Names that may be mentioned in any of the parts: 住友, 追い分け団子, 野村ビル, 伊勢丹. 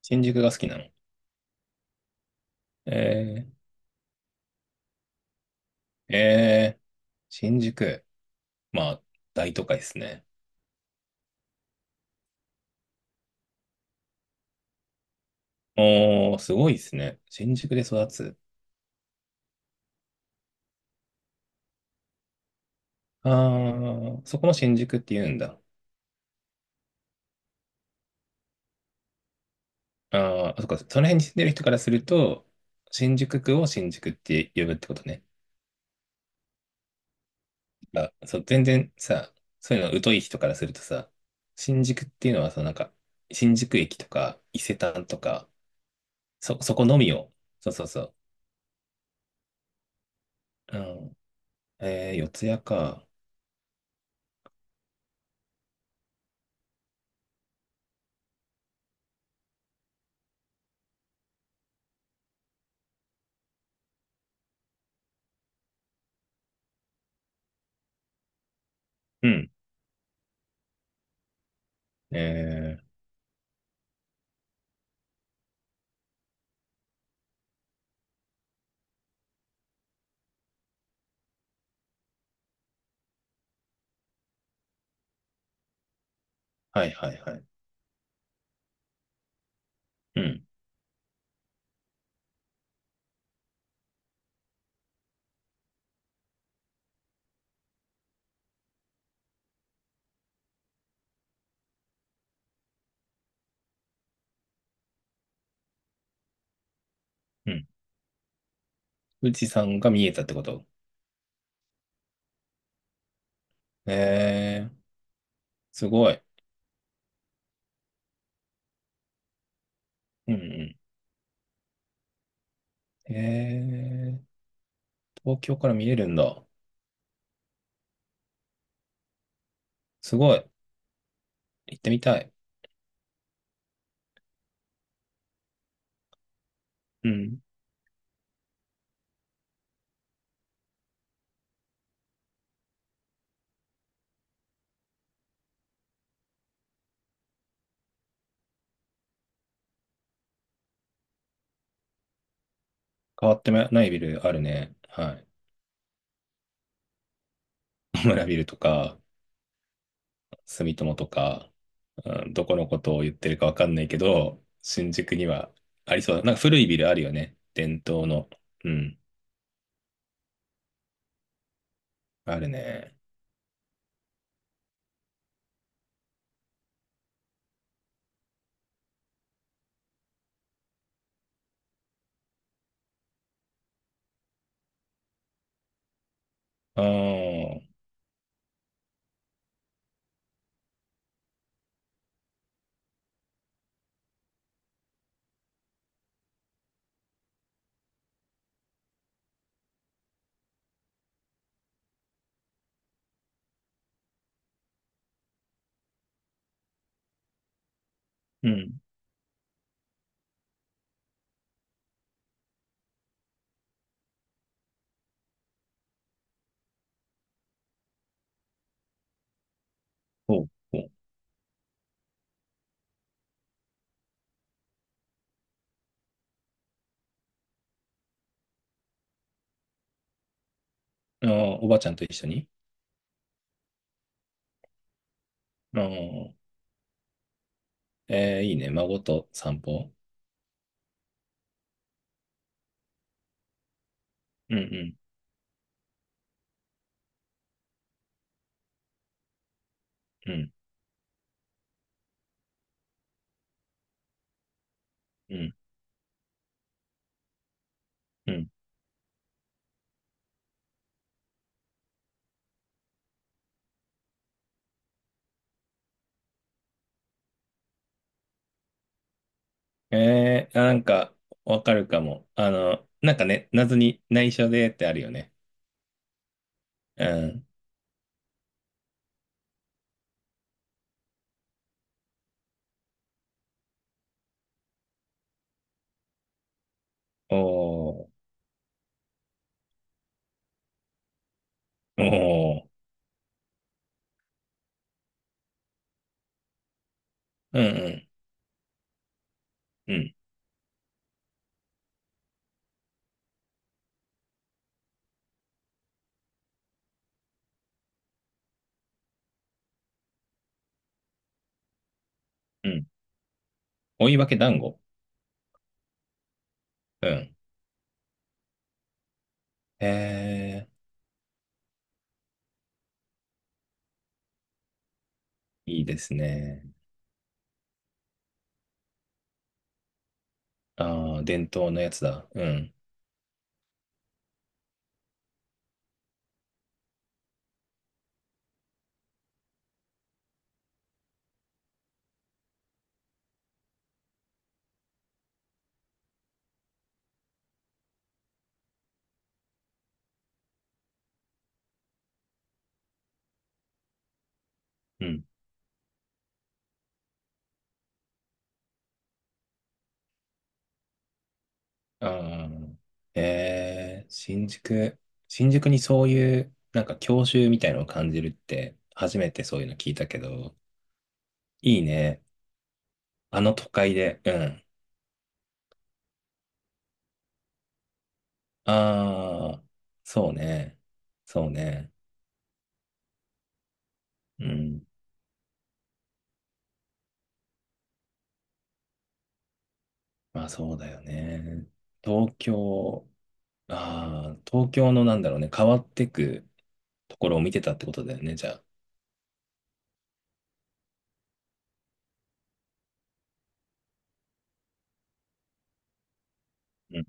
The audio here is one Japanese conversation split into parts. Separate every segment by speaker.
Speaker 1: 新宿が好きなの。えー、えー、新宿。まあ、大都会ですね。おー、すごいですね。新宿で育つ。あー、そこも新宿って言うんだ。あー、そっか、その辺に住んでる人からすると、新宿区を新宿って呼ぶってことね。あ、そう、全然さ、そういうの疎い人からするとさ、新宿っていうのはさ、なんか、新宿駅とか、伊勢丹とか、そこのみを。そうそうそう。うん。四谷か。うん。えーはいはいはい。うん、うん。富士山が見えたってことえー、すごい。うんうん。えー、東京から見えるんだ。すごい。行ってみたい。うん。変わってないビルあるね。はい。野村ビルとか、住友とか、うん、どこのことを言ってるかわかんないけど、新宿にはありそうだ。なんか古いビルあるよね。伝統の。うん。あるね。ああ、うん。おう、おう。ああ、おばあちゃんと一緒に。ああ、えー、いいね。孫と散歩。うんうんうんうんうん。えー、あ、なんか、わかるかも。あの、なんかね、謎に内緒でってあるよね。うん。おー、おー、うんうんうんうん。追い分け団子。うん。えー、いいですね。ああ、伝統のやつだ。うん。うん。ああ、えー、新宿、新宿にそういう、なんか郷愁みたいのを感じるって、初めてそういうの聞いたけど、いいね。あの都会で。うん。ああ、そうね。そうね。うん。まあそうだよね。東京、ああ、東京のなんだろうね、変わってくところを見てたってことだよね、じゃあ。うん。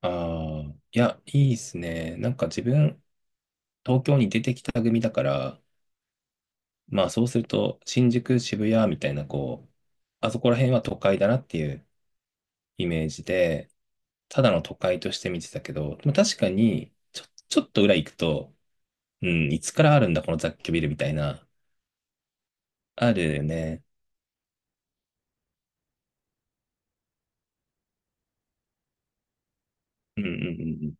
Speaker 1: ああ、いや、いいっすね。なんか自分、東京に出てきた組だから、まあそうすると、新宿、渋谷みたいな、こう、あそこら辺は都会だなっていうイメージで、ただの都会として見てたけど、でも確かに、ちょっと裏行くと、うん、いつからあるんだ、この雑居ビルみたいな、あるよね。うんうんうんうん。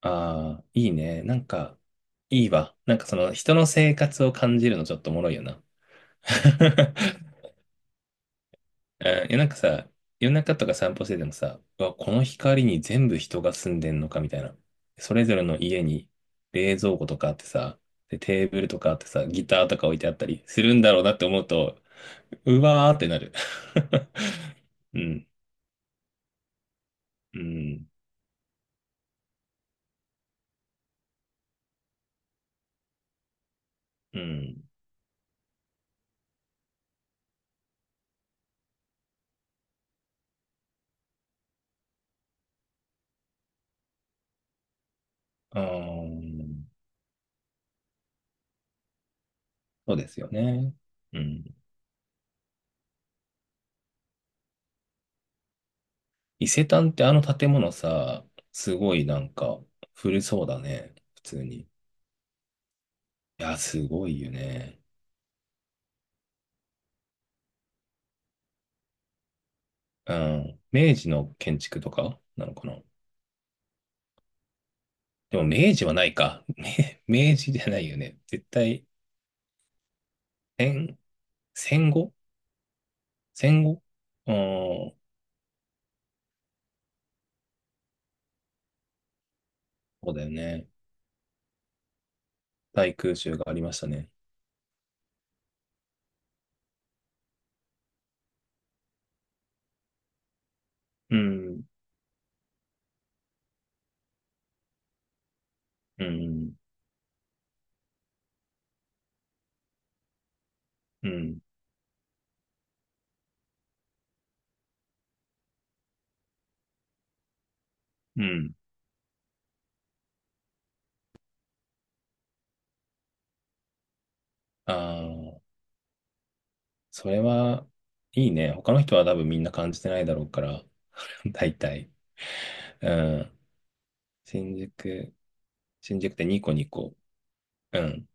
Speaker 1: ああ、いいね。なんか、いいわ。なんかその人の生活を感じるのちょっとおもろいよな。うんいや、なんかさ、夜中とか散歩しててもさ、うわ、この光に全部人が住んでんのかみたいな。それぞれの家に冷蔵庫とかあってさ、で、テーブルとかあってさ、ギターとか置いてあったりするんだろうなって思うと、うわーってなる。うん、うん、うん。あーそうですよね。うん。伊勢丹ってあの建物さ、すごいなんか古そうだね。普通に。いや、すごいよね。うん。明治の建築とかなのかな。でも明治はないか。め明治じゃないよね。絶対、戦、戦後戦後うん。そうだよね。大空襲がありましたね。うん。うん。うん。うん。ああ、それは、いいね。他の人は多分みんな感じてないだろうから、大体。うん。新宿、新宿でニコニコ。うん。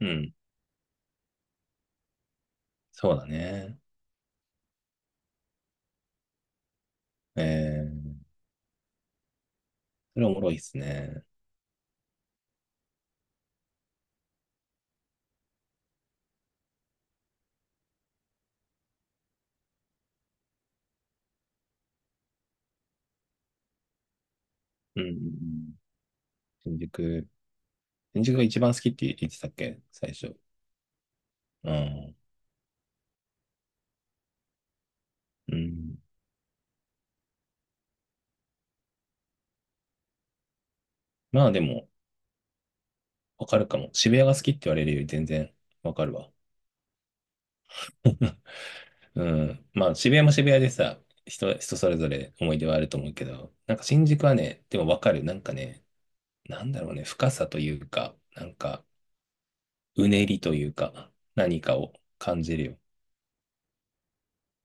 Speaker 1: うん。そうだね。えー、それおもろいっすね。うんうんうん。新宿、新宿が一番好きって言ってたっけ最初。うん。うん。まあでも、わかるかも。渋谷が好きって言われるより全然わかるわ。うん。まあ、渋谷も渋谷でさ、人、人それぞれ思い出はあると思うけど、なんか新宿はね、でもわかる。なんかね、なんだろうね、深さというか、なんか、うねりというか、何かを感じるよ。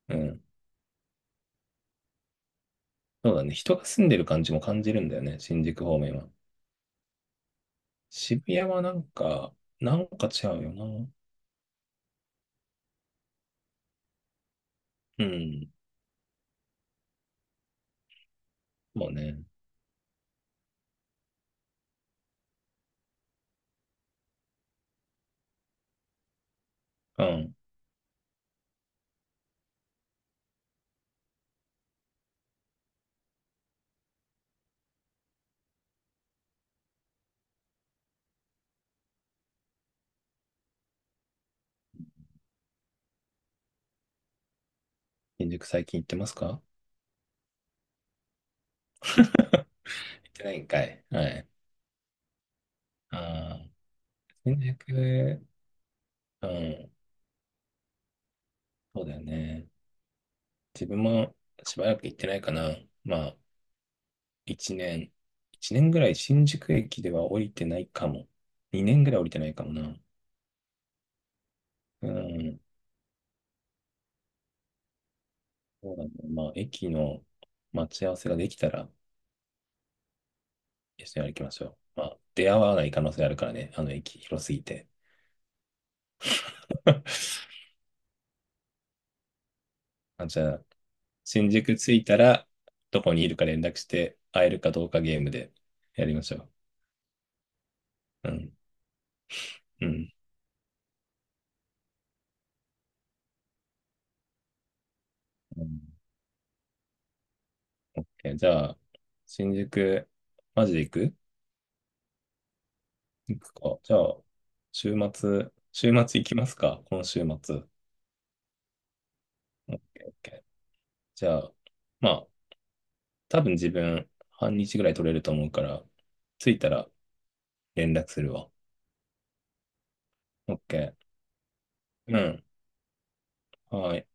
Speaker 1: うん。そうだね。人が住んでる感じも感じるんだよね、新宿方面は。渋谷はなんか、なんか違うよな。うん。そうね。うん。新宿最近行ってますか？行ってないんかい。はい。ああ、新宿、うん。そうだよね。自分もしばらく行ってないかな。まあ、1年、1年ぐらい新宿駅では降りてないかも。2年ぐらい降りてないかもな。うん。そうだね。まあ、駅の待ち合わせができたら一緒に歩きましょう。まあ、出会わない可能性あるからね。あの駅広すぎて。あ、じゃあ、新宿着いたら、どこにいるか連絡して、会えるかどうかゲームでやりましょう。うん。うん。うん、じゃあ、新宿、マジで行く？行くか。じゃあ、週末、週末行きますか、今週末。オッケーオッケーじゃあ、まあ、多分自分、半日ぐらい取れると思うから、着いたら連絡するわ。オッケーうん。はい。